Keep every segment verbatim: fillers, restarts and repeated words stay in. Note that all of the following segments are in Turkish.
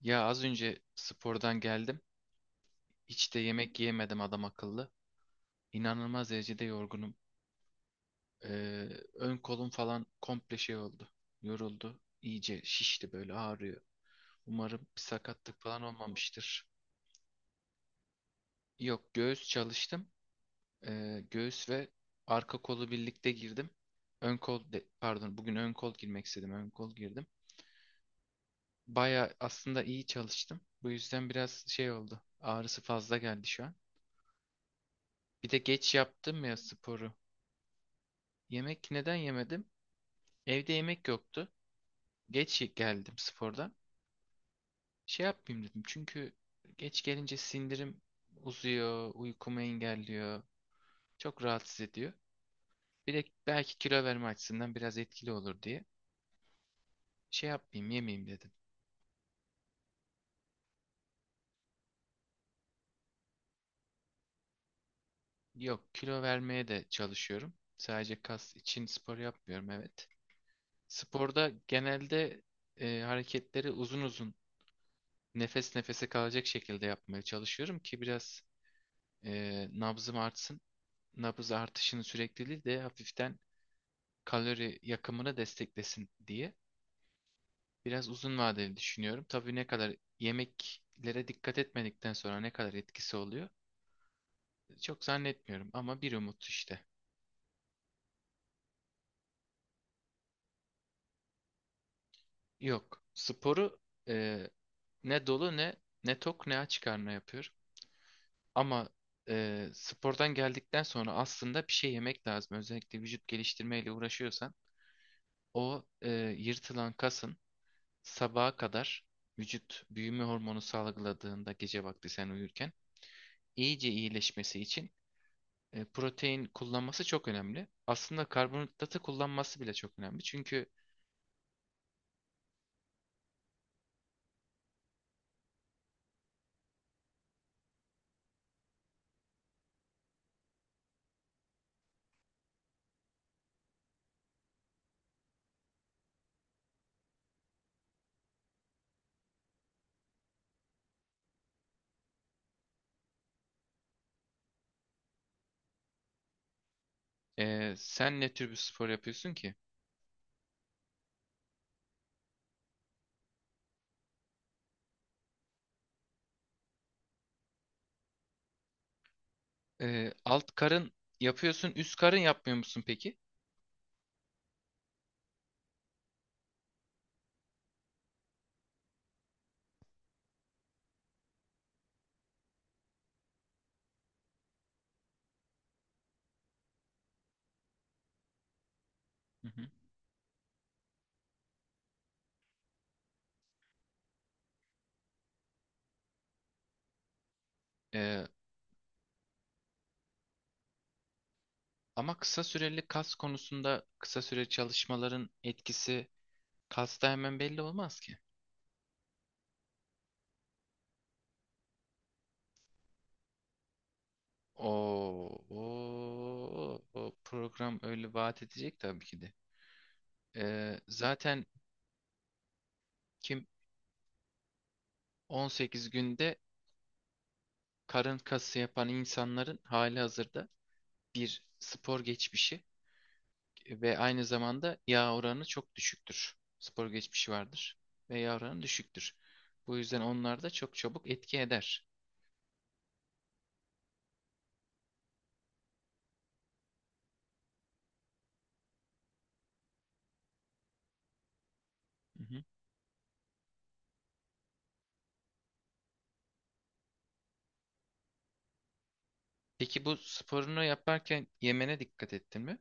Ya az önce spordan geldim. Hiç de yemek yiyemedim adam akıllı. İnanılmaz derecede yorgunum. Ee, ön kolum falan komple şey oldu. Yoruldu. İyice şişti böyle ağrıyor. Umarım bir sakatlık falan olmamıştır. Yok, göğüs çalıştım. Ee, göğüs ve arka kolu birlikte girdim. Ön kol de, pardon bugün ön kol girmek istedim. Ön kol girdim. Baya aslında iyi çalıştım. Bu yüzden biraz şey oldu. Ağrısı fazla geldi şu an. Bir de geç yaptım ya sporu. Yemek neden yemedim? Evde yemek yoktu. Geç geldim spordan. Şey yapmayayım dedim. Çünkü geç gelince sindirim uzuyor, uykumu engelliyor. Çok rahatsız ediyor. Bir de belki kilo verme açısından biraz etkili olur diye. Şey yapmayayım, yemeyeyim dedim. Yok, kilo vermeye de çalışıyorum. Sadece kas için spor yapmıyorum, evet. Sporda genelde e, hareketleri uzun uzun nefes nefese kalacak şekilde yapmaya çalışıyorum ki biraz e, nabzım artsın. Nabız artışını sürekli değil de hafiften kalori yakımını desteklesin diye. Biraz uzun vadeli düşünüyorum. Tabii ne kadar yemeklere dikkat etmedikten sonra ne kadar etkisi oluyor, çok zannetmiyorum ama bir umut işte. Yok. Sporu e, ne dolu ne ne tok ne aç karnına yapıyorum. Ama e, spordan geldikten sonra aslında bir şey yemek lazım. Özellikle vücut geliştirmeyle uğraşıyorsan o e, yırtılan kasın sabaha kadar vücut büyüme hormonu salgıladığında gece vakti sen uyurken iyice iyileşmesi için e, protein kullanması çok önemli. Aslında karbonhidratı kullanması bile çok önemli. Çünkü e, sen ne tür bir spor yapıyorsun ki? E, alt karın yapıyorsun, üst karın yapmıyor musun peki? Hı hı. Ee, ama kısa süreli kas konusunda kısa süre çalışmaların etkisi kasta hemen belli olmaz ki. O, o, o program öyle vaat edecek tabii ki de. Ee, zaten kim on sekiz günde karın kası yapan insanların halihazırda bir spor geçmişi ve aynı zamanda yağ oranı çok düşüktür. Spor geçmişi vardır ve yağ oranı düşüktür. Bu yüzden onlar da çok çabuk etki eder. Hı hı. Peki bu sporunu yaparken yemene dikkat ettin mi?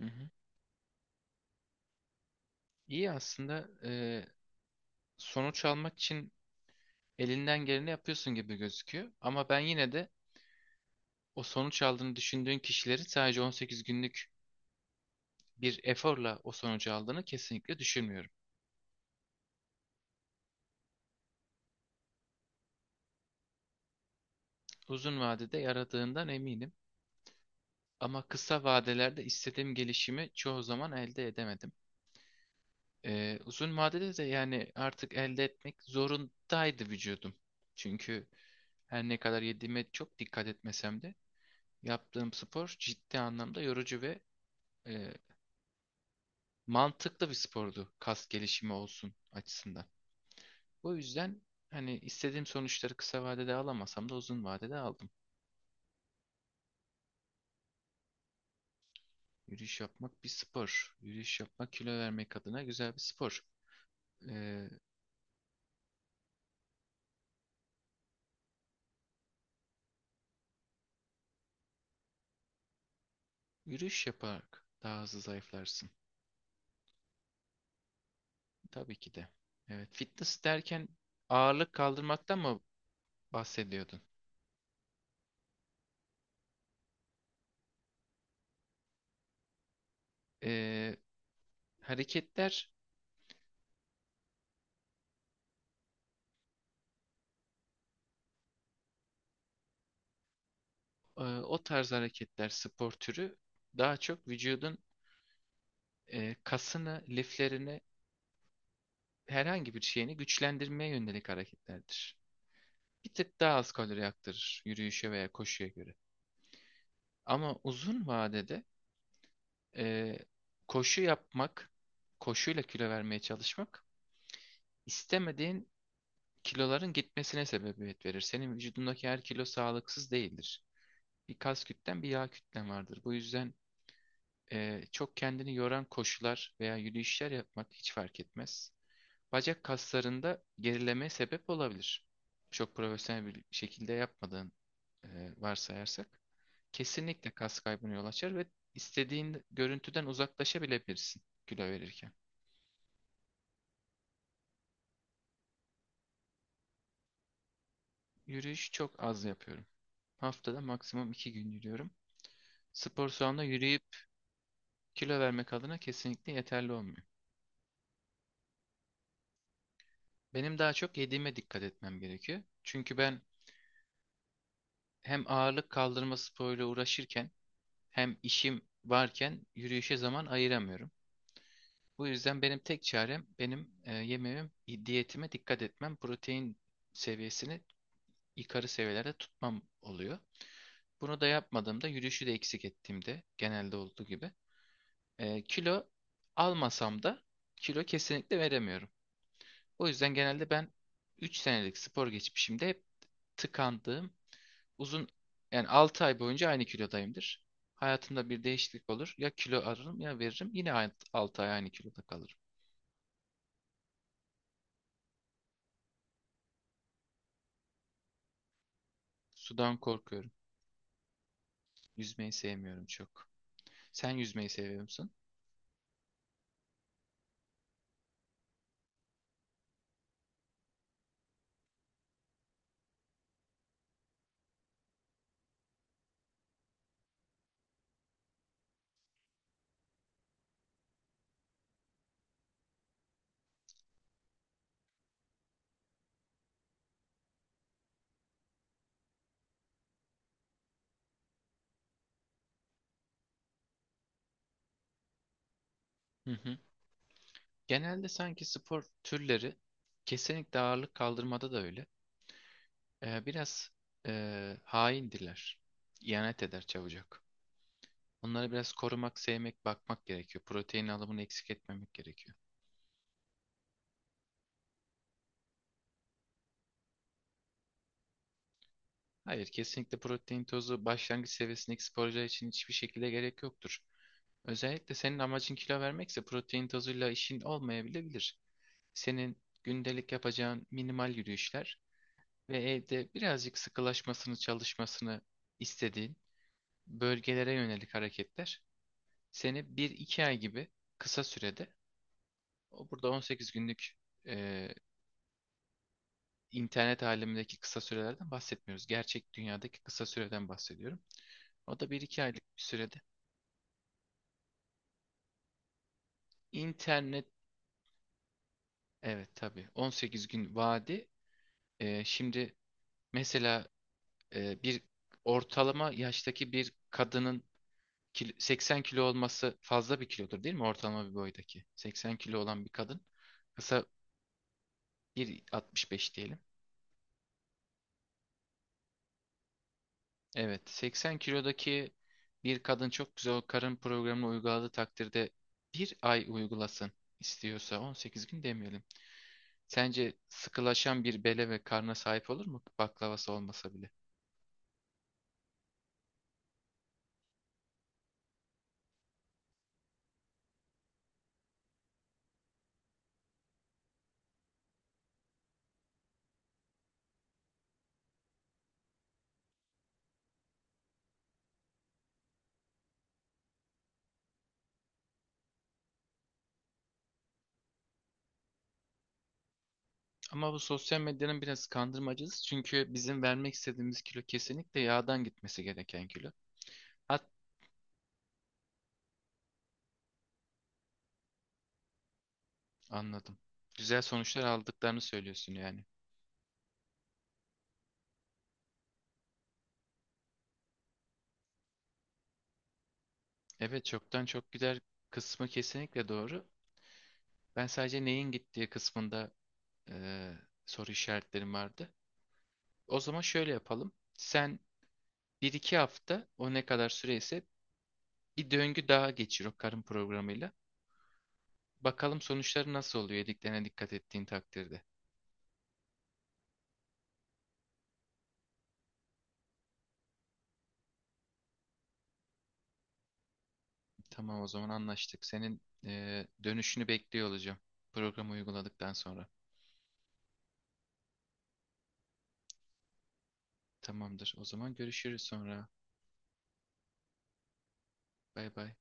Hı hı. İyi aslında, e, sonuç almak için elinden geleni yapıyorsun gibi gözüküyor. Ama ben yine de o sonuç aldığını düşündüğün kişilerin sadece on sekiz günlük bir eforla o sonucu aldığını kesinlikle düşünmüyorum. Uzun vadede yaradığından eminim. Ama kısa vadelerde istediğim gelişimi çoğu zaman elde edemedim. Ee, uzun vadede de yani artık elde etmek zorundaydı vücudum. Çünkü her ne kadar yediğime çok dikkat etmesem de yaptığım spor ciddi anlamda yorucu ve e, mantıklı bir spordu kas gelişimi olsun açısından. O yüzden hani istediğim sonuçları kısa vadede alamasam da uzun vadede aldım. Yürüyüş yapmak bir spor. Yürüyüş yapmak kilo vermek adına güzel bir spor. Ee, yürüyüş yaparak daha hızlı zayıflarsın. Tabii ki de. Evet, fitness derken ağırlık kaldırmaktan mı bahsediyordun? Ee, hareketler, e, o tarz hareketler, spor türü daha çok vücudun e, kasını, liflerini, herhangi bir şeyini güçlendirmeye yönelik hareketlerdir. Bir tık daha az kalori yaktırır yürüyüşe veya koşuya göre. Ama uzun vadede e, koşu yapmak, koşuyla kilo vermeye çalışmak istemediğin kiloların gitmesine sebebiyet verir. Senin vücudundaki her kilo sağlıksız değildir. Bir kas kütlen bir yağ kütlen vardır. Bu yüzden e, çok kendini yoran koşular veya yürüyüşler yapmak hiç fark etmez. Bacak kaslarında gerilemeye sebep olabilir. Çok profesyonel bir şekilde yapmadığın, e, varsayarsak, kesinlikle kas kaybına yol açar ve istediğin görüntüden uzaklaşabilebilirsin kilo verirken. Yürüyüş çok az yapıyorum. Haftada maksimum iki gün yürüyorum. Spor salonunda yürüyüp. Kilo vermek adına kesinlikle yeterli olmuyor. Benim daha çok yediğime dikkat etmem gerekiyor. Çünkü ben hem ağırlık kaldırma sporuyla uğraşırken hem işim varken yürüyüşe zaman ayıramıyorum. Bu yüzden benim tek çarem benim e, yemeğim, diyetime dikkat etmem, protein seviyesini yukarı seviyelerde tutmam oluyor. Bunu da yapmadığımda, yürüyüşü de eksik ettiğimde genelde olduğu gibi, e, kilo almasam da kilo kesinlikle veremiyorum. O yüzden genelde ben üç senelik spor geçmişimde hep tıkandığım, uzun yani altı ay boyunca aynı kilodayımdır. Hayatımda bir değişiklik olur. Ya kilo alırım ya veririm. Yine altı ay aynı kiloda kalırım. Sudan korkuyorum. Yüzmeyi sevmiyorum çok. Sen yüzmeyi seviyor musun? Hı hı. Genelde sanki spor türleri, kesinlikle ağırlık kaldırmada da öyle. Ee, biraz e, haindirler. İhanet eder çabucak. Onları biraz korumak, sevmek, bakmak gerekiyor. Protein alımını eksik etmemek gerekiyor. Hayır, kesinlikle protein tozu başlangıç seviyesindeki sporcular için hiçbir şekilde gerek yoktur. Özellikle senin amacın kilo vermekse protein tozuyla işin olmayabilir. Senin gündelik yapacağın minimal yürüyüşler ve evde birazcık sıkılaşmasını, çalışmasını istediğin bölgelere yönelik hareketler seni bir iki ay gibi kısa sürede. O burada on sekiz günlük, e, internet alemindeki kısa sürelerden bahsetmiyoruz. Gerçek dünyadaki kısa süreden bahsediyorum. O da bir iki aylık bir sürede. İnternet, evet tabii on sekiz gün vadi. E, şimdi mesela e, bir ortalama yaştaki bir kadının kil- seksen kilo olması fazla bir kilodur değil mi? Ortalama bir boydaki. seksen kilo olan bir kadın, kısa, bir altmış beş diyelim. Evet, seksen kilodaki bir kadın çok güzel o karın programını uyguladığı takdirde, bir ay uygulasın istiyorsa, on sekiz gün demeyelim. Sence sıkılaşan bir bele ve karna sahip olur mu, baklavası olmasa bile? Ama bu sosyal medyanın biraz kandırmacısı, çünkü bizim vermek istediğimiz kilo kesinlikle yağdan gitmesi gereken kilo. Hat anladım. Güzel sonuçlar aldıklarını söylüyorsun yani. Evet, çoktan çok gider kısmı kesinlikle doğru. Ben sadece neyin gittiği kısmında, e, soru işaretlerim vardı. O zaman şöyle yapalım. Sen bir iki hafta, o ne kadar süreyse, bir döngü daha geçir o karın programıyla. Bakalım sonuçları nasıl oluyor yediklerine dikkat ettiğin takdirde. Tamam, o zaman anlaştık. Senin e, dönüşünü bekliyor olacağım programı uyguladıktan sonra. Tamamdır. O zaman görüşürüz sonra. Bay bay.